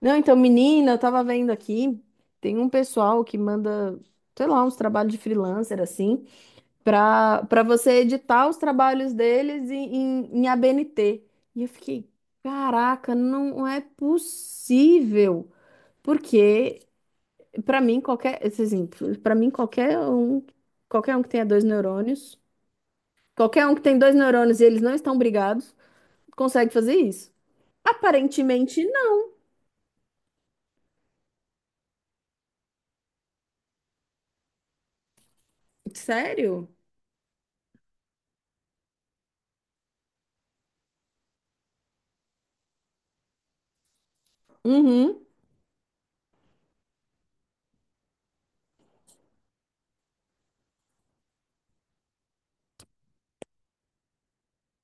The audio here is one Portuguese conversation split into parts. Não, então, menina, eu tava vendo aqui, tem um pessoal que manda, sei lá, uns trabalhos de freelancer, assim, pra você editar os trabalhos deles em, em ABNT. E eu fiquei, caraca, não é possível. Porque, pra mim, qualquer, assim, pra mim, qualquer um que tenha dois neurônios, qualquer um que tem dois neurônios e eles não estão brigados, consegue fazer isso. Aparentemente, não. Sério? Uhum.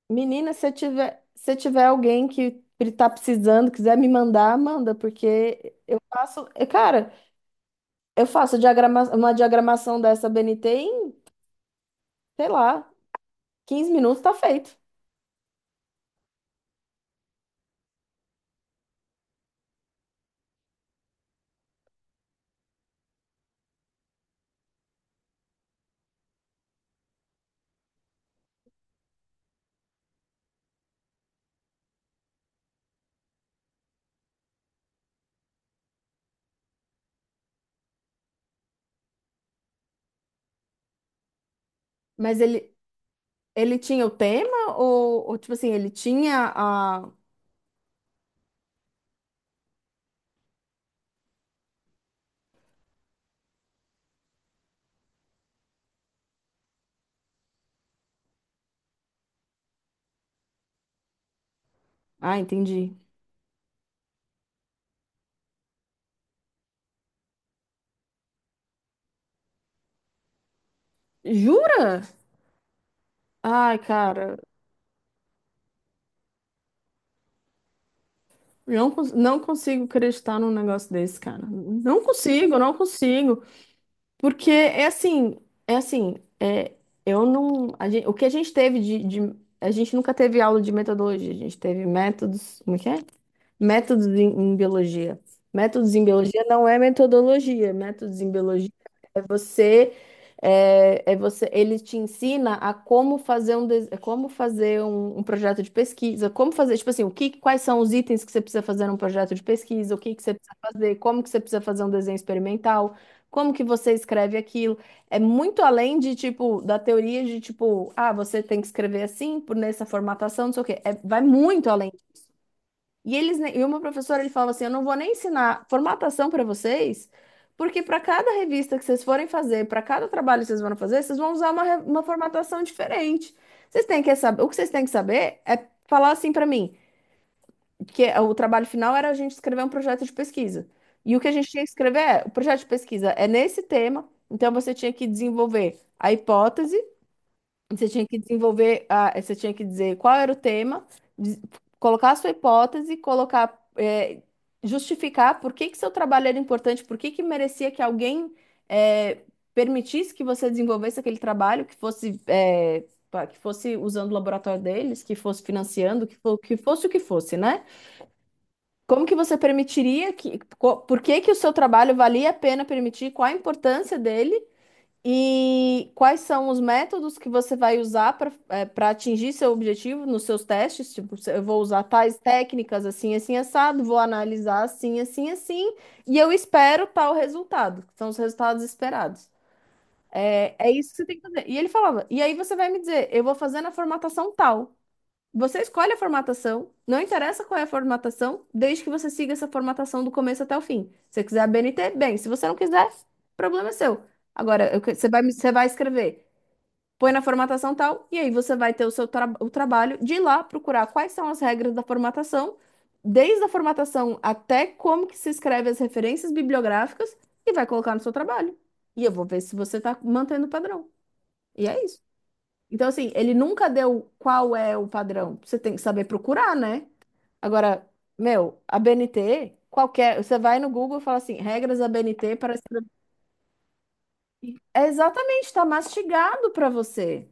Menina, se eu tiver alguém que tá precisando, quiser me mandar, manda, porque eu faço, cara, eu faço diagrama, uma diagramação dessa BNT em, sei lá, 15 minutos tá feito. Mas ele tinha o tema ou, tipo assim, ele tinha a... Ah, entendi. Jura? Ai, cara, não, não consigo acreditar num negócio desse, cara. Não consigo, não consigo. Porque é assim, é assim, é, eu não, a gente, o que a gente teve de, a gente nunca teve aula de metodologia, a gente teve métodos, como é que é? Métodos em, biologia. Métodos em biologia não é metodologia, métodos em biologia é você, é, é você, ele te ensina a como fazer um, como fazer um, um projeto de pesquisa, como fazer, tipo assim, o que, quais são os itens que você precisa fazer num projeto de pesquisa, o que que você precisa fazer, como que você precisa fazer um desenho experimental, como que você escreve aquilo. É muito além de, tipo, da teoria de, tipo, ah, você tem que escrever assim, por nessa formatação, não sei o quê. É, vai muito além. E e uma professora ele falava assim, eu não vou nem ensinar formatação para vocês, porque para cada revista que vocês forem fazer, para cada trabalho que vocês vão fazer, vocês vão usar uma, uma formatação diferente. Vocês têm que saber, o que vocês têm que saber é falar assim para mim, que é, o trabalho final era a gente escrever um projeto de pesquisa. E o que a gente tinha que escrever é, o projeto de pesquisa é nesse tema, então você tinha que desenvolver a hipótese, você tinha que desenvolver, a, você tinha que dizer qual era o tema, des- colocar a sua hipótese, colocar, é, justificar por que que seu trabalho era importante, por que que merecia que alguém, é, permitisse que você desenvolvesse aquele trabalho, que fosse, é, pá, que fosse usando o laboratório deles, que fosse financiando, que, que fosse o que fosse, né? Como que você permitiria que, por que que o seu trabalho valia a pena permitir, qual a importância dele? E quais são os métodos que você vai usar para atingir seu objetivo nos seus testes? Tipo, se eu vou usar tais técnicas assim, assim, assado, vou analisar assim, assim, assim, e eu espero tal resultado, que são os resultados esperados. É, é isso que você tem que fazer. E ele falava, e aí você vai me dizer, eu vou fazer na formatação tal. Você escolhe a formatação, não interessa qual é a formatação, desde que você siga essa formatação do começo até o fim. Se você quiser a BNT, bem, se você não quiser, problema é seu. Agora, você vai, você vai escrever, põe na formatação tal, e aí você vai ter o seu o trabalho de ir lá procurar quais são as regras da formatação, desde a formatação até como que se escreve as referências bibliográficas, e vai colocar no seu trabalho. E eu vou ver se você está mantendo o padrão. E é isso. Então, assim, ele nunca deu qual é o padrão. Você tem que saber procurar, né? Agora, meu, a BNT, qualquer. Você vai no Google e fala assim: regras da BNT para. É exatamente, está mastigado para você.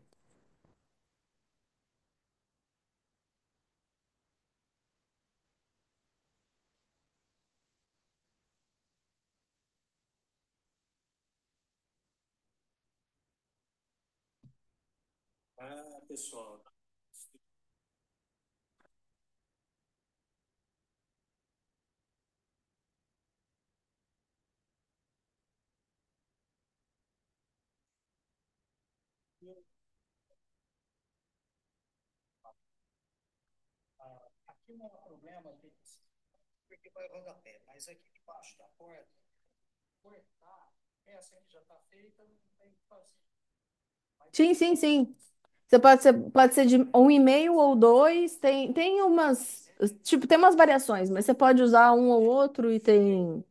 Sim, sim, sim. Você pode ser de um e meio ou dois. Tem umas, tipo, tem umas variações, mas você pode usar um ou outro e tem.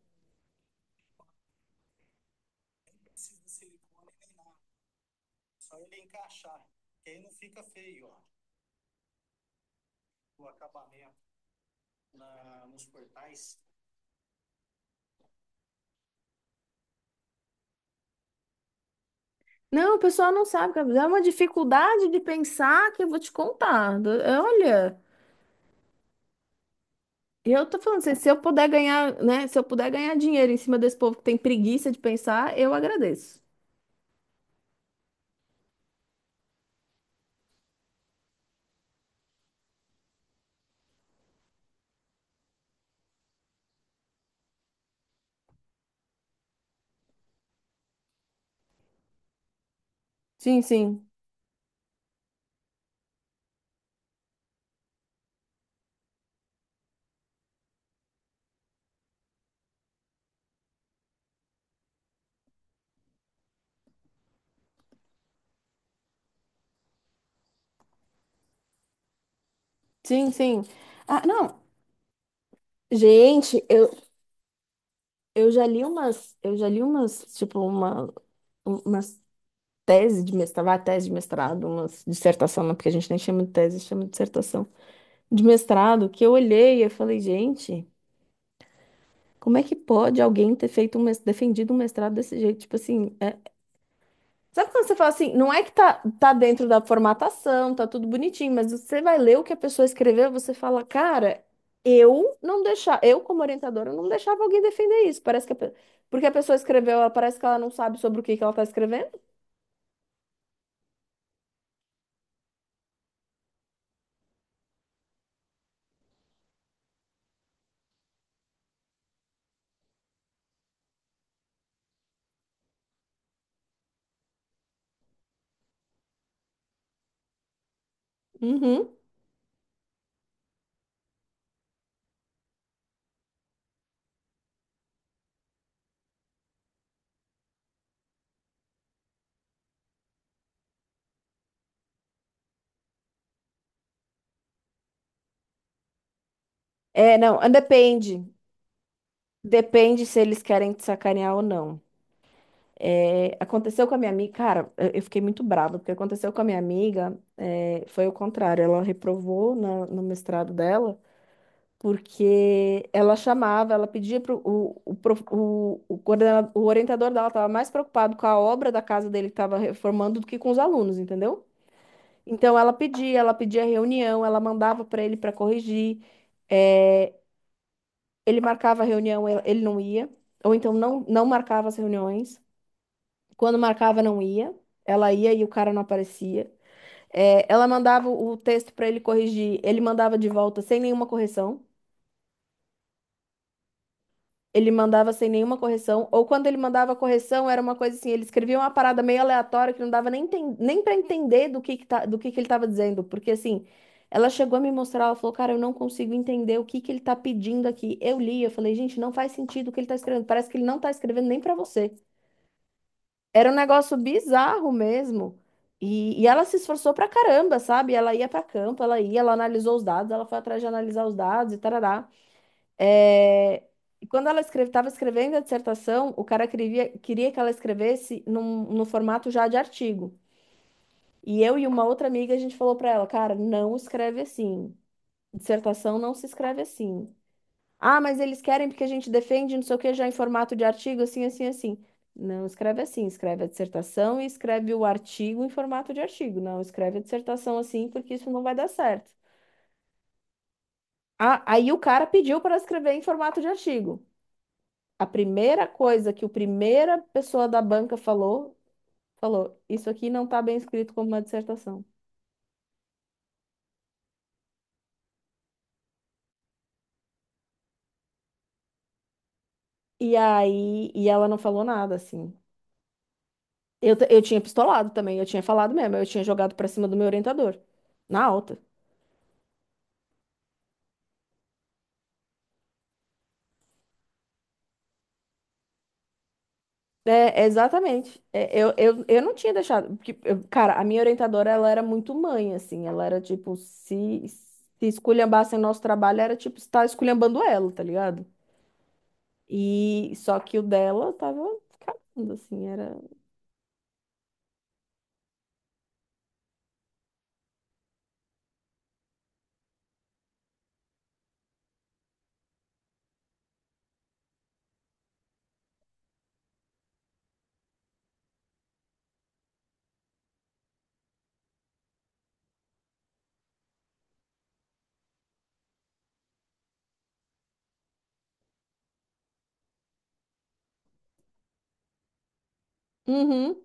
Não, o pessoal não sabe, Gabriel. É uma dificuldade de pensar que eu vou te contar. Olha, eu tô falando assim, se eu puder ganhar, né? Se eu puder ganhar dinheiro em cima desse povo que tem preguiça de pensar, eu agradeço. Sim, sim. Sim, sim. Ah, não. Gente, eu, eu já li umas, tipo, uma, umas tese de mestrado, vai, tese de mestrado, uma dissertação, não, porque a gente nem chama de tese, chama de dissertação, de mestrado, que eu olhei e eu falei, gente, como é que pode alguém ter feito um, defendido um mestrado desse jeito? Tipo assim, é... Sabe quando você fala assim, não é que tá, tá dentro da formatação, tá tudo bonitinho, mas você vai ler o que a pessoa escreveu, você fala, cara, eu não deixava, eu como orientadora eu não deixava alguém defender isso, parece que a porque a pessoa escreveu, ela parece que ela não sabe sobre o que que ela tá escrevendo. Uhum. É, não, depende. Depende se eles querem te sacanear ou não. É, aconteceu com a minha amiga, cara, eu fiquei muito brava, porque aconteceu com a minha amiga, é, foi o contrário. Ela reprovou no mestrado dela, porque ela chamava, ela pedia pro, o orientador dela estava mais preocupado com a obra da casa dele que estava reformando do que com os alunos, entendeu? Então ela pedia reunião, ela mandava para ele para corrigir, é, ele marcava a reunião, ele não ia ou então não, não marcava as reuniões. Quando marcava, não ia. Ela ia e o cara não aparecia. É, ela mandava o texto para ele corrigir. Ele mandava de volta sem nenhuma correção. Ele mandava sem nenhuma correção. Ou quando ele mandava correção, era uma coisa assim: ele escrevia uma parada meio aleatória que não dava nem, nem para entender do que, tá, do que ele estava dizendo. Porque assim, ela chegou a me mostrar, ela falou: cara, eu não consigo entender o que, que ele tá pedindo aqui. Eu li, eu falei: gente, não faz sentido o que ele tá escrevendo. Parece que ele não tá escrevendo nem para você. Era um negócio bizarro mesmo. E ela se esforçou pra caramba, sabe? Ela ia pra campo, ela ia, ela analisou os dados, ela foi atrás de analisar os dados e tarará. É, e quando ela estava escrevendo a dissertação, o cara queria, queria que ela escrevesse num, no formato já de artigo. E eu e uma outra amiga, a gente falou pra ela, cara, não escreve assim. Dissertação não se escreve assim. Ah, mas eles querem porque a gente defende, não sei o que, já em formato de artigo, assim, assim, assim. Não escreve assim, escreve a dissertação e escreve o artigo em formato de artigo. Não escreve a dissertação assim, porque isso não vai dar certo. Ah, aí o cara pediu para escrever em formato de artigo. A primeira coisa que o primeira pessoa da banca falou, falou, isso aqui não está bem escrito como uma dissertação. E aí, e ela não falou nada, assim. Eu, eu tinha pistolado também, eu tinha falado mesmo, eu tinha jogado para cima do meu orientador, na alta. É, exatamente. É, eu não tinha deixado. Porque, cara, a minha orientadora, ela era muito mãe, assim. Ela era tipo, se esculhambassem nosso trabalho, era tipo, estar esculhambando ela, tá ligado? E só que o dela tava cagando, assim, era. Uhum.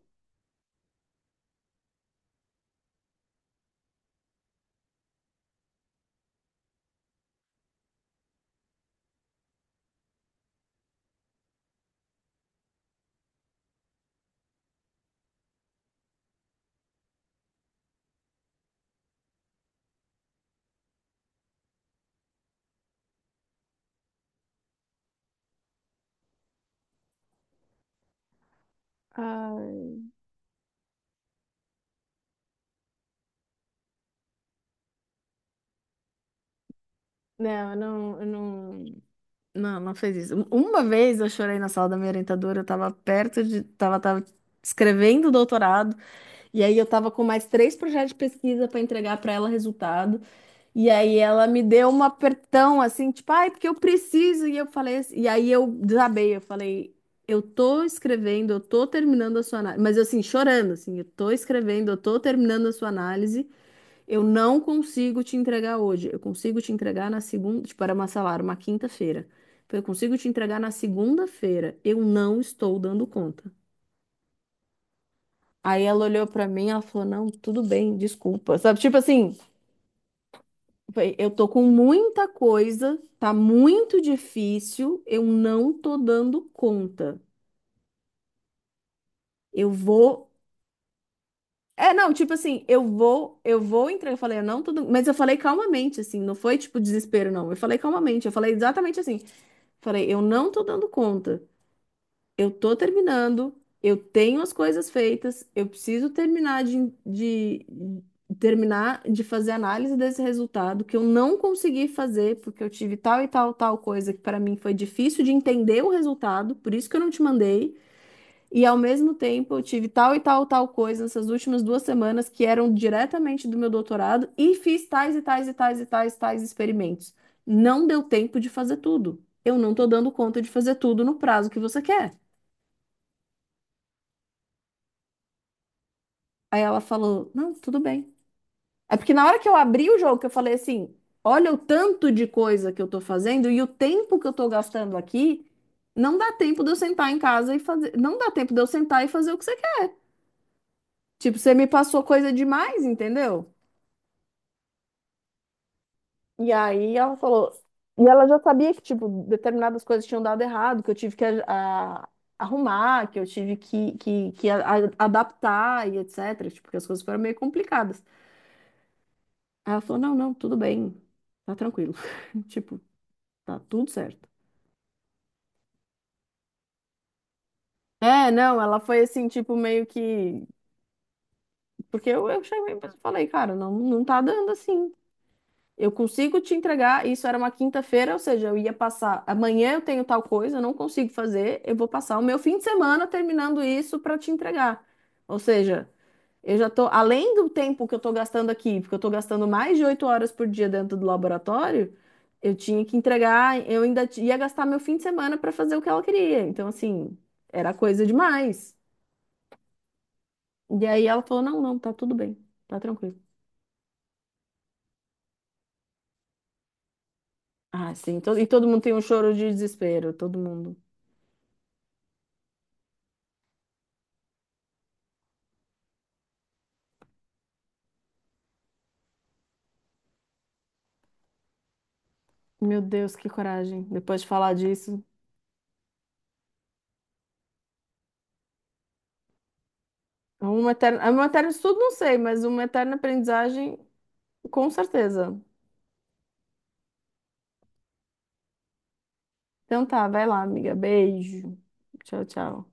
Ai, não, eu não, não, não fez isso. Uma vez eu chorei na sala da minha orientadora, eu tava perto de, tava, tava escrevendo o doutorado, e aí eu tava com mais três projetos de pesquisa para entregar para ela resultado. E aí ela me deu um apertão assim, tipo, ai, porque eu preciso. E eu falei, e aí eu desabei, eu falei, eu tô escrevendo, eu tô terminando a sua análise, mas assim, chorando, assim, eu tô escrevendo, eu tô terminando a sua análise, eu não consigo te entregar hoje. Eu consigo te entregar na segunda, tipo, era uma, sei lá, era uma quinta-feira. Eu consigo te entregar na segunda-feira. Eu não estou dando conta. Aí ela olhou pra mim, ela falou: "Não, tudo bem, desculpa". Sabe, tipo assim, bem, eu tô com muita coisa, tá muito difícil, eu não tô dando conta. Eu vou. É, não, tipo assim, eu vou entrar. Eu falei, eu não tô dando... Mas eu falei calmamente, assim, não foi tipo desespero, não. Eu falei calmamente, eu falei exatamente assim. Falei, eu não tô dando conta. Eu tô terminando, eu tenho as coisas feitas, eu preciso terminar de, terminar de fazer análise desse resultado que eu não consegui fazer porque eu tive tal e tal tal coisa que para mim foi difícil de entender o resultado, por isso que eu não te mandei. E ao mesmo tempo eu tive tal e tal tal coisa nessas últimas 2 semanas que eram diretamente do meu doutorado e fiz tais e tais e tais e tais tais experimentos. Não deu tempo de fazer tudo. Eu não tô dando conta de fazer tudo no prazo que você quer. Aí ela falou: não, tudo bem. É porque na hora que eu abri o jogo, que eu falei assim: olha o tanto de coisa que eu tô fazendo e o tempo que eu tô gastando aqui, não dá tempo de eu sentar em casa e fazer. Não dá tempo de eu sentar e fazer o que você quer. Tipo, você me passou coisa demais, entendeu? E aí ela falou. E ela já sabia que, tipo, determinadas coisas tinham dado errado, que eu tive que arrumar, que eu tive que adaptar e etc. Tipo, porque as coisas foram meio complicadas. Aí ela falou: não, não, tudo bem, tá tranquilo. Tipo, tá tudo certo. É, não, ela foi assim, tipo, meio que. Porque eu cheguei e falei, cara, não, não tá dando assim. Eu consigo te entregar. Isso era uma quinta-feira, ou seja, eu ia passar. Amanhã eu tenho tal coisa, eu não consigo fazer. Eu vou passar o meu fim de semana terminando isso pra te entregar. Ou seja. Eu já tô, além do tempo que eu tô gastando aqui, porque eu tô gastando mais de 8 horas por dia dentro do laboratório, eu tinha que entregar, eu ainda ia gastar meu fim de semana para fazer o que ela queria. Então, assim, era coisa demais. E aí ela falou: não, não, tá tudo bem, tá tranquilo. Ah, sim, e todo mundo tem um choro de desespero, todo mundo. Meu Deus, que coragem. Depois de falar disso, é uma eterna estudo, não sei, mas uma eterna aprendizagem, com certeza. Então tá, vai lá, amiga. Beijo. Tchau, tchau.